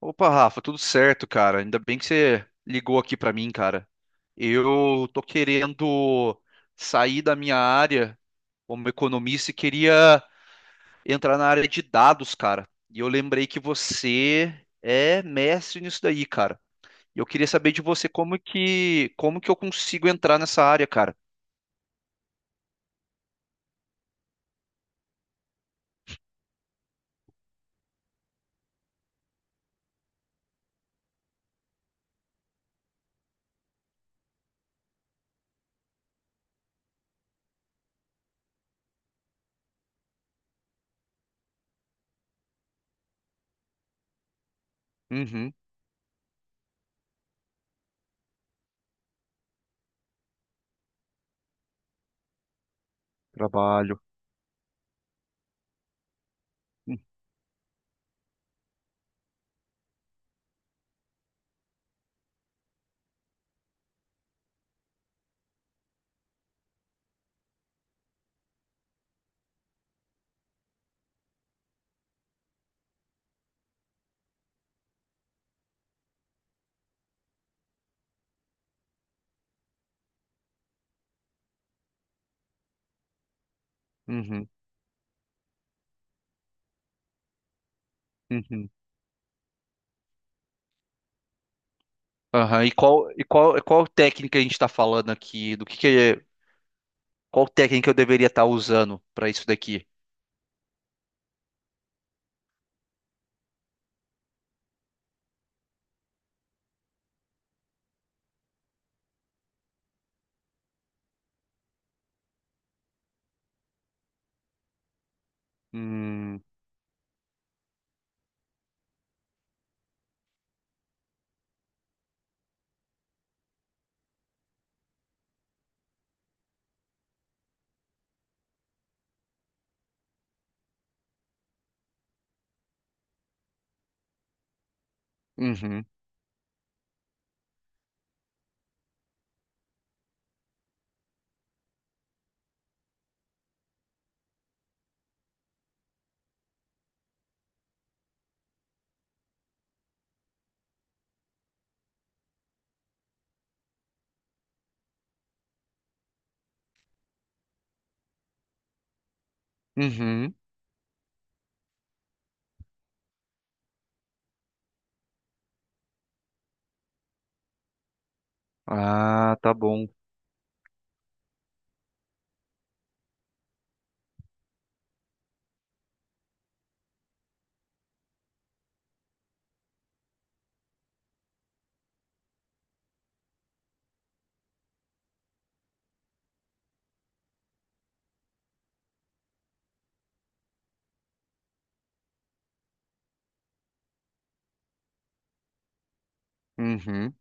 Opa, Rafa, tudo certo, cara? Ainda bem que você ligou aqui pra mim, cara. Eu tô querendo sair da minha área como economista e queria entrar na área de dados, cara. E eu lembrei que você é mestre nisso daí, cara. E eu queria saber de você como que eu consigo entrar nessa área, cara. Uhum, trabalho. Hum. Uhum, uhum. Aham. E qual técnica a gente tá falando aqui? Do que é? Qual técnica eu deveria estar usando para isso daqui? Hum. Uhum, uhum. Ah, tá bom. Uhum,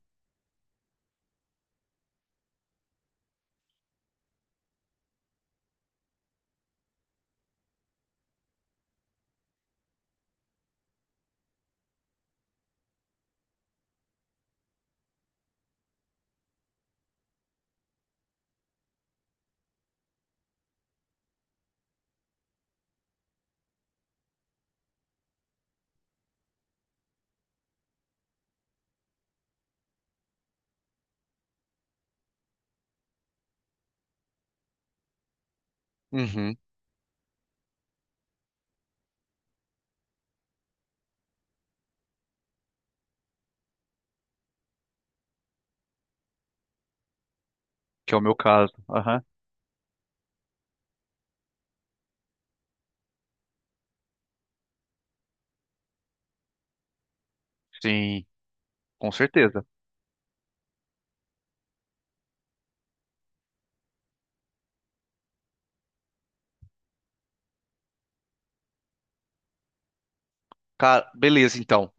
uhum. Que é o meu caso. Aham. Sim, com certeza. Cara, beleza, então.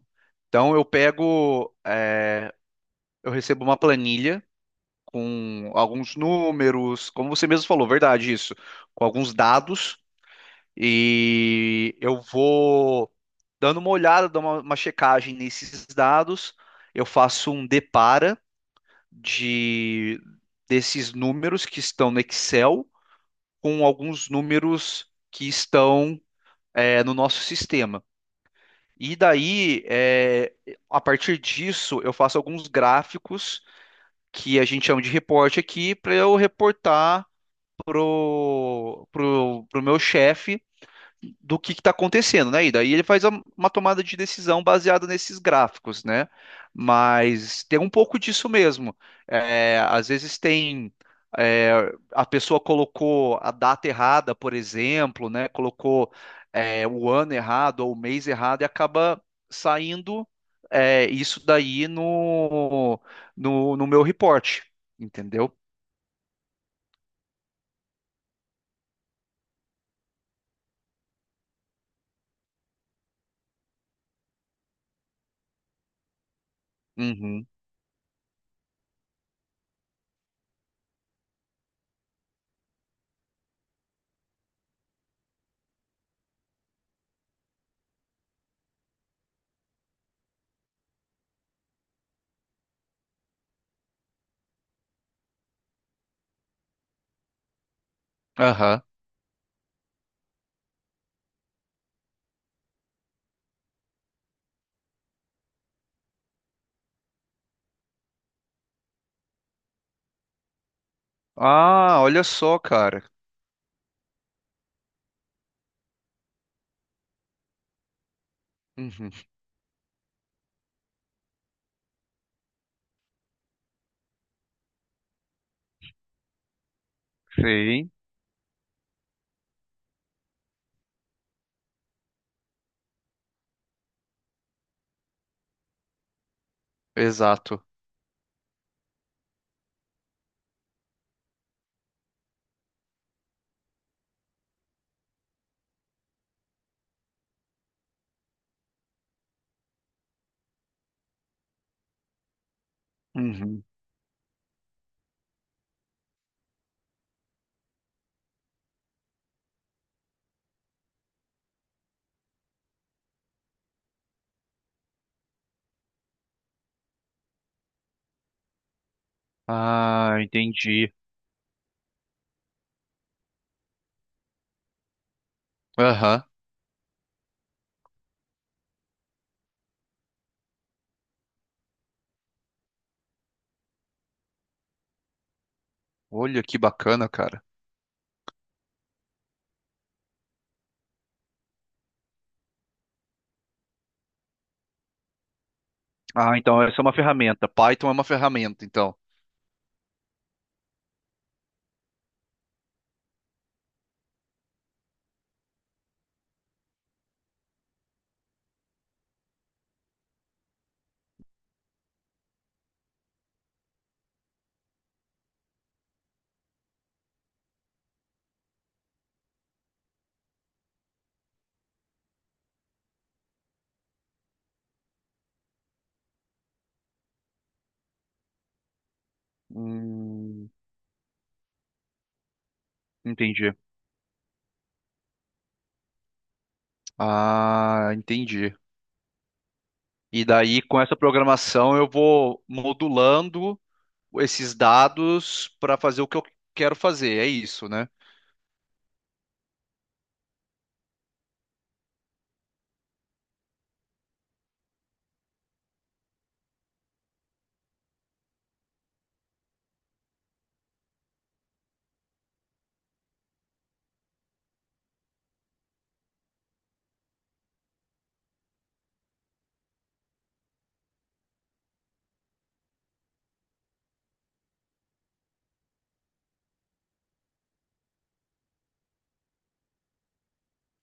Então eu pego, eu recebo uma planilha com alguns números, como você mesmo falou, verdade isso, com alguns dados e eu vou dando uma olhada, dando uma checagem nesses dados. Eu faço um depara de desses números que estão no Excel com alguns números que estão no nosso sistema. E daí, a partir disso, eu faço alguns gráficos que a gente chama de reporte aqui para eu reportar pro meu chefe do que está acontecendo, né? E daí ele uma tomada de decisão baseada nesses gráficos, né? Mas tem um pouco disso mesmo. É, às vezes tem. é, a pessoa colocou a data errada, por exemplo, né? Colocou, o ano errado ou o mês errado e acaba saindo, isso daí no meu report, entendeu? Uhum. Aham. Ah, olha só, cara. Uhum. Sim. Exato. Uhum. Ah, entendi. Aham. Olha que bacana, cara. Ah, então essa é uma ferramenta. Python é uma ferramenta, então. Hum, entendi. Ah, entendi. E daí, com essa programação, eu vou modulando esses dados para fazer o que eu quero fazer. É isso, né?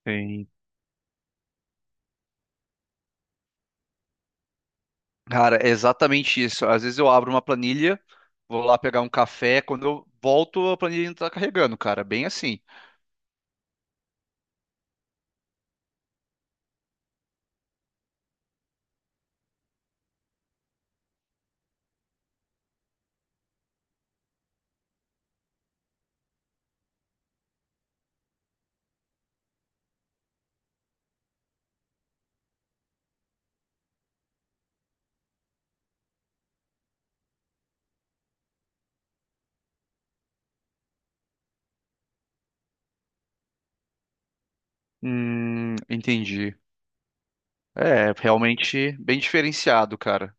Sim. Cara, é exatamente isso. Às vezes eu abro uma planilha, vou lá pegar um café, quando eu volto, a planilha ainda tá carregando, cara. Bem assim. Entendi. É, realmente bem diferenciado, cara.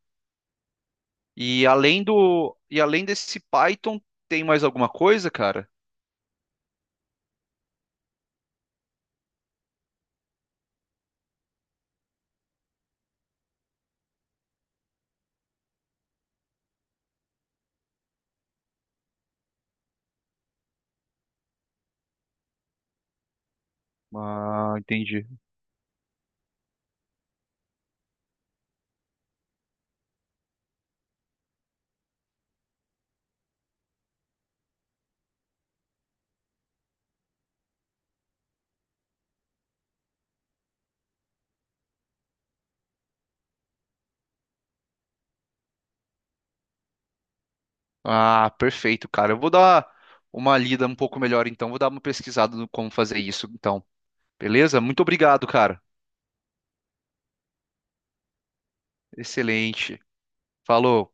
E além e além desse Python, tem mais alguma coisa, cara? Ah, entendi. Ah, perfeito, cara. Eu vou dar uma lida um pouco melhor, então. Vou dar uma pesquisada no como fazer isso, então. Beleza? Muito obrigado, cara. Excelente. Falou.